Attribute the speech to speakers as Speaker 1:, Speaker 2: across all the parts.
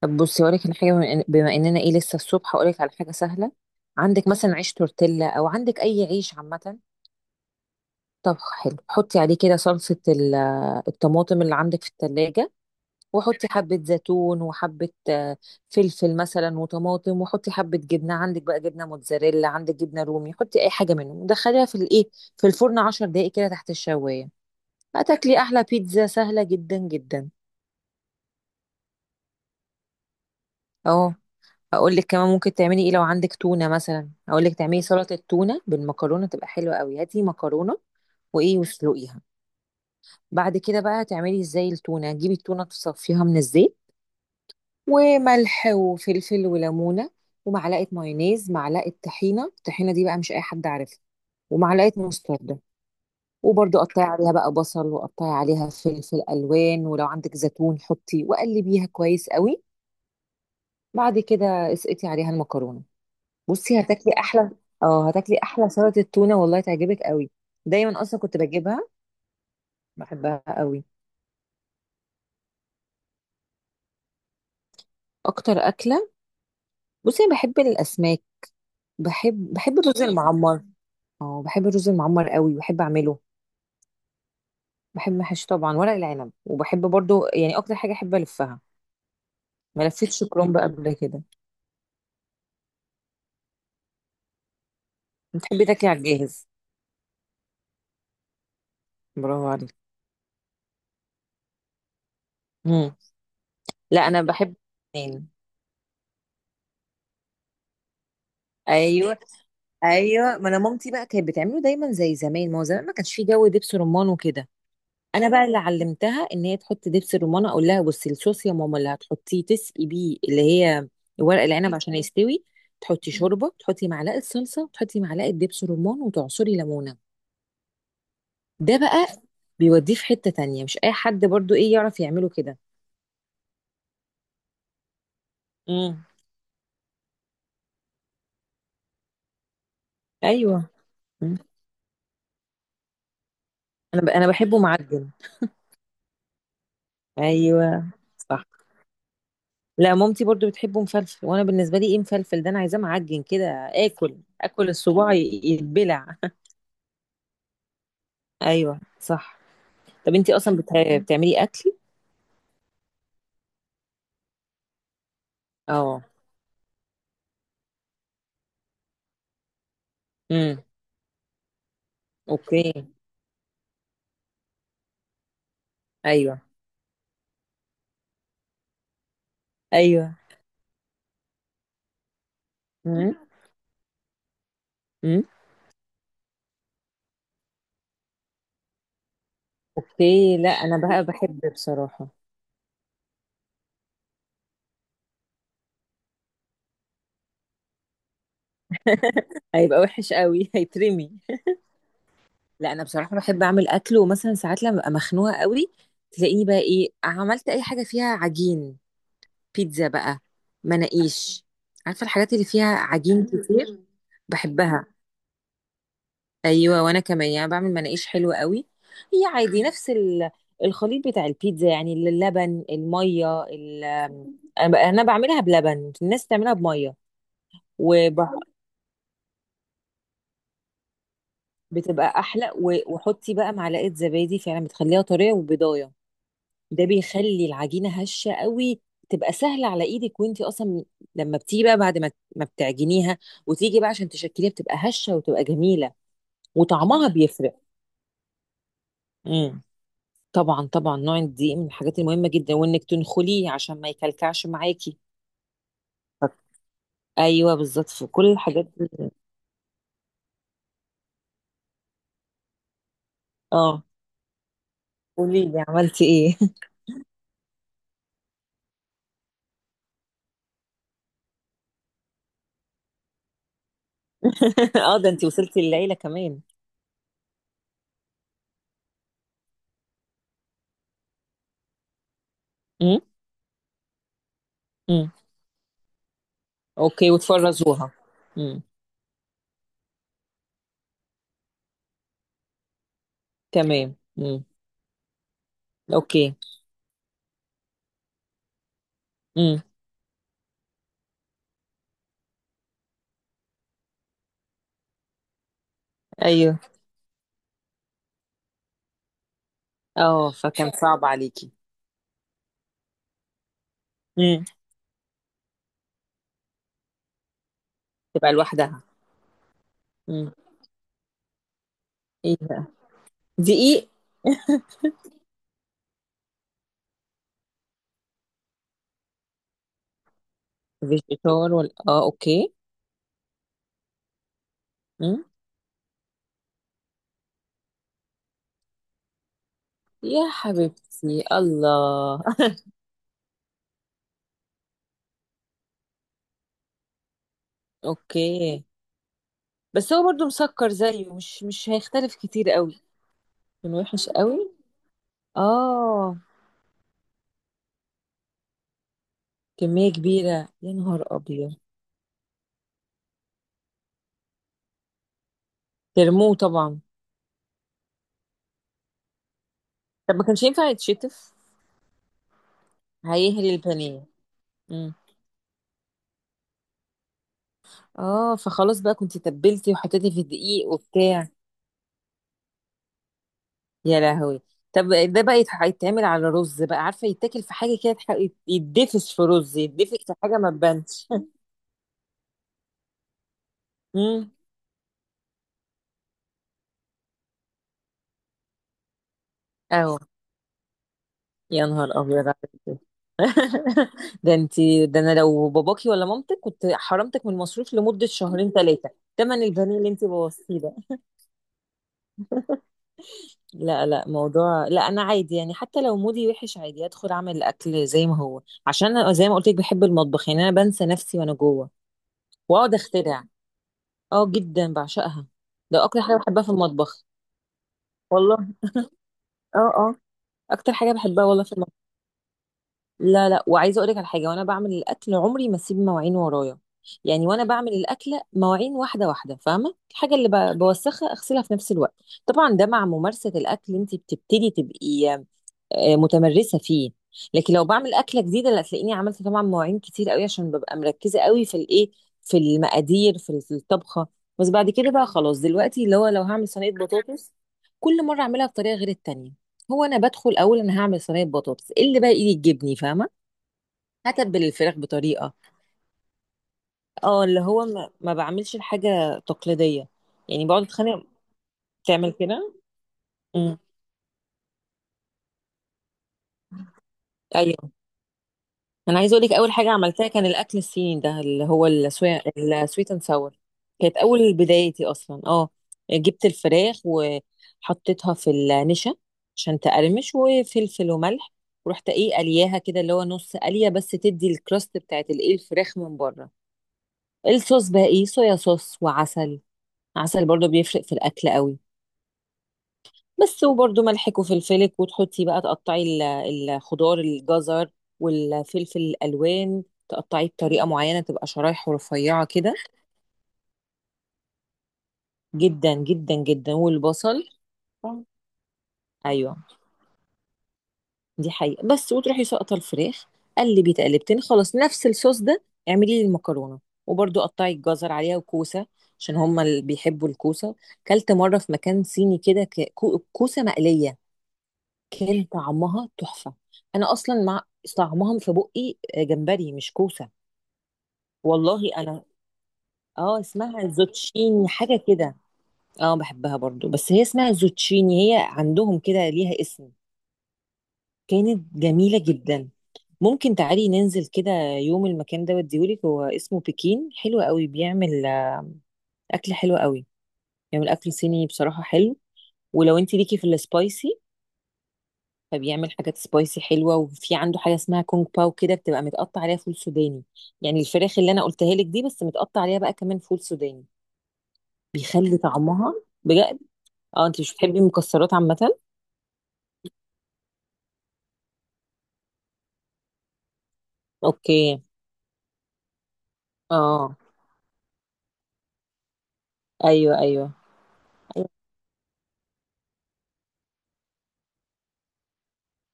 Speaker 1: طب بصي هقولك على حاجه بما اننا ايه لسه الصبح هقولك على حاجه سهله. عندك مثلا عيش تورتيلا او عندك اي عيش عامه. طب حلو حطي عليه كده صلصه الطماطم اللي عندك في التلاجة، وحطي حبه زيتون وحبه فلفل مثلا وطماطم، وحطي حبه جبنه، عندك بقى جبنه موتزاريلا عندك جبنه رومي، حطي اي حاجه منهم ودخليها في الايه، في الفرن 10 دقائق كده تحت الشوايه. هتاكلي احلى بيتزا سهله جدا جدا. اهو. اقول لك كمان ممكن تعملي ايه، لو عندك تونه مثلا اقول لك تعملي سلطه تونه بالمكرونه، تبقى حلوه قوي. هاتي مكرونه وايه واسلقيها. بعد كده بقى تعملي ازاي، التونه جيبي التونه تصفيها من الزيت، وملح وفلفل وليمونه ومعلقه مايونيز معلقه طحينه، الطحينه دي بقى مش اي حد عارفها، ومعلقه مستردة. وبرده قطعي عليها بقى بصل وقطعي عليها فلفل الوان، ولو عندك زيتون حطي، وقلبيها كويس قوي. بعد كده اسقطي عليها المكرونه. بصي هتاكلي احلى. اه هتاكلي احلى سلطه تونه والله تعجبك قوي. دايما اصلا كنت بجيبها، بحبها قوي. اكتر اكله. بصي انا بحب الاسماك، بحب الرز المعمر. اه بحب الرز المعمر قوي، بحب اعمله. بحب محشي طبعا ورق العنب، وبحب برضو يعني اكتر حاجه احب الفها. ما لفتش كرنب قبل كده. بتحبي تاكلي على الجاهز. برافو عليك. مم. لا انا بحب. اتنين. ايوه. ايوه ما انا مامتي بقى كانت بتعمله دايما زي زمان، ما هو زمان ما كانش فيه جو دبس رمان وكده. انا بقى اللي علمتها ان هي تحط دبس الرمان. اقول لها بصي الصوص يا ماما اللي هتحطيه تسقي بيه اللي هي ورق العنب عشان يستوي. تحطي شوربه، تحطي معلقه صلصه، تحطي معلقه دبس رمان، وتعصري ليمونه. ده بقى بيوديه في حته تانية، مش اي حد برضو ايه يعرف يعمله كده. امم. ايوه. مم. انا بحبه معجن. ايوه صح. لا مامتي برضو بتحبه مفلفل، وانا بالنسبه لي ايه مفلفل، ده انا عايزاه معجن كده. اكل اكل الصباع يتبلع. ايوه صح. طب انتي اصلا بتعملي اكل. اه. امم. اوكي. ايوه. ايوه. امم. امم. اوكي. لا انا بقى بحب بصراحه. هيبقى وحش قوي هيترمي. لا انا بصراحه بحب اعمل اكل، ومثلا ساعات لما ببقى مخنوقه قوي تلاقيني بقى ايه عملت اي حاجه فيها عجين. بيتزا بقى، مناقيش، عارفه الحاجات اللي فيها عجين كتير. بحبها. ايوه وانا كمان يعني بعمل مناقيش حلوه قوي. هي عادي نفس الخليط بتاع البيتزا، يعني اللبن، الميه، انا بعملها بلبن، الناس تعملها بميه، وبتبقى احلى. وحطي بقى معلقه زبادي فعلا بتخليها طريه وبيضايه. ده بيخلي العجينه هشه قوي، تبقى سهله على ايدك. وانتي اصلا لما بتيجي بقى بعد ما ما بتعجنيها وتيجي بقى عشان تشكليها بتبقى هشه وتبقى جميله، وطعمها بيفرق. امم. طبعا طبعا نوع الدقيق من الحاجات المهمة جدا، وانك تنخليه عشان ما يكلكعش معاكي. ايوه بالظبط في كل الحاجات دي. اه. قولي لي عملتي ايه. اه ده انت وصلتي للعيلة كمان. امم. امم. اوكي وتفرزوها. امم. تمام امم. اوكي. امم. ايوه. اه فكان صعب عليكي. امم. تبقى لوحدها. امم. ايه بقى. دقيق. فيجيتار ولا، اه اوكي. امم. يا حبيبتي الله. اوكي. بس هو برضو مسكر زيه، مش هيختلف كتير قوي. كان وحش قوي. اه. كمية كبيرة يا نهار أبيض. ترموه طبعا. طب ما كانش ينفع يتشتف، هيهري البانيه. مم. اه فخلاص بقى كنت تبلتي وحطيتي في الدقيق وبتاع. يا لهوي. طب ده بقى يتعمل على رز بقى، عارفة يتاكل في حاجة كده يتدفس في رز، يتدفس في حاجة ما تبانش. امم. اهو. يا نهار ابيض عليك. ده انتي ده انا لو باباكي ولا مامتك كنت حرمتك من المصروف لمده شهرين ثلاثه، تمن البانيه اللي انتي بوظتيه ده. لا لا موضوع، لا انا عادي يعني حتى لو مودي وحش عادي ادخل اعمل الاكل زي ما هو. عشان انا زي ما قلت لك بحب المطبخ، يعني انا بنسى نفسي وانا جوه واقعد اخترع. اه جدا بعشقها. ده اكتر حاجه بحبها في المطبخ. والله. اه اه. اكتر حاجه بحبها والله في المطبخ. لا لا، وعايزه اقول لك على حاجه، وانا بعمل الاكل عمري ما اسيب مواعين ورايا. يعني وانا بعمل الاكله مواعين واحده واحده، فاهمه، الحاجه اللي بوسخها اغسلها في نفس الوقت. طبعا ده مع ممارسه الاكل انت بتبتدي تبقي متمرسه فيه. لكن لو بعمل اكله جديده لا، تلاقيني عملت طبعا مواعين كتير قوي عشان ببقى مركزه قوي في الايه، في المقادير، في الطبخه. بس بعد كده بقى خلاص دلوقتي اللي هو لو هعمل صينيه بطاطس كل مره اعملها بطريقه غير التانيه. هو انا بدخل اول انا هعمل صينيه بطاطس، إيه اللي بقى ايدي تجيبني فاهمه. هتبل الفراخ بطريقه. اه اللي هو ما بعملش الحاجه تقليديه. يعني بقعد اتخانق. تعمل كده. امم. ايوه. انا عايزه اقول لك اول حاجه عملتها كان الاكل الصيني ده اللي هو السويت اند ساور. كانت اول بدايتي اصلا اه. جبت الفراخ وحطيتها في النشا عشان تقرمش، وفلفل وملح، ورحت ايه قلياها كده اللي هو نص قليه بس تدي الكراست بتاعت الايه الفراخ من بره. الصوص بقى ايه صويا صوص وعسل، عسل برضو بيفرق في الاكل قوي. بس. وبرضو ملحك وفلفلك، وتحطي بقى تقطعي الخضار، الجزر والفلفل الالوان، تقطعيه بطريقه معينه تبقى شرايح رفيعه كده. جدا جدا جدا. والبصل. آه. ايوه. دي حقيقه. بس وتروحي ساقطه الفراخ، قلبي تقلبتين خلاص نفس الصوص ده. اعملي لي المكرونه، وبرضو قطعي الجزر عليها وكوسه، عشان هما اللي بيحبوا الكوسه. كلت مره في مكان صيني كده كوسه مقليه، كان طعمها تحفة. انا اصلا مع طعمها في بقي جمبري مش كوسة. والله انا. اه اسمها زوتشيني حاجة كده. اه بحبها برضو، بس هي اسمها زوتشيني، هي عندهم كده ليها اسم. كانت جميلة جدا. ممكن تعالي ننزل كده يوم المكان ده وديهولك، هو اسمه بكين، حلو قوي، بيعمل اكل حلو قوي. بيعمل اكل صيني بصراحة حلو، ولو انت ليكي في السبايسي فبيعمل حاجات سبايسي حلوه. وفي عنده حاجه اسمها كونج باو كده بتبقى متقطع عليها فول سوداني، يعني الفراخ اللي انا قلتها لك دي بس متقطع عليها بقى كمان فول سوداني، بيخلي طعمها بجد. اه انت مش بتحبي المكسرات عامه. اوكي. اه. ايوه ايوه. أيوة.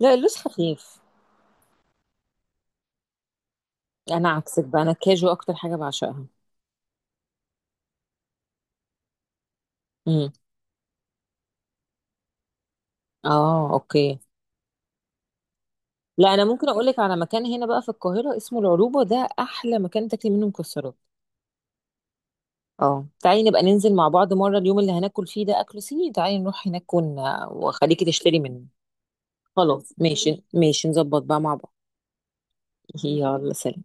Speaker 1: لا اللوز خفيف. انا عكسك بقى، انا الكاجو اكتر حاجه بعشقها. امم. اه اوكي. لا انا ممكن اقول لك على مكان هنا بقى في القاهره اسمه العروبه، ده احلى مكان تاكلي منه مكسرات. اه تعالي نبقى ننزل مع بعض مرة، اليوم اللي هناكل فيه ده أكل صيني تعالي نروح هناك وخليكي تشتري منه. خلاص ماشي ماشي نظبط بقى مع بعض. يلا سلام.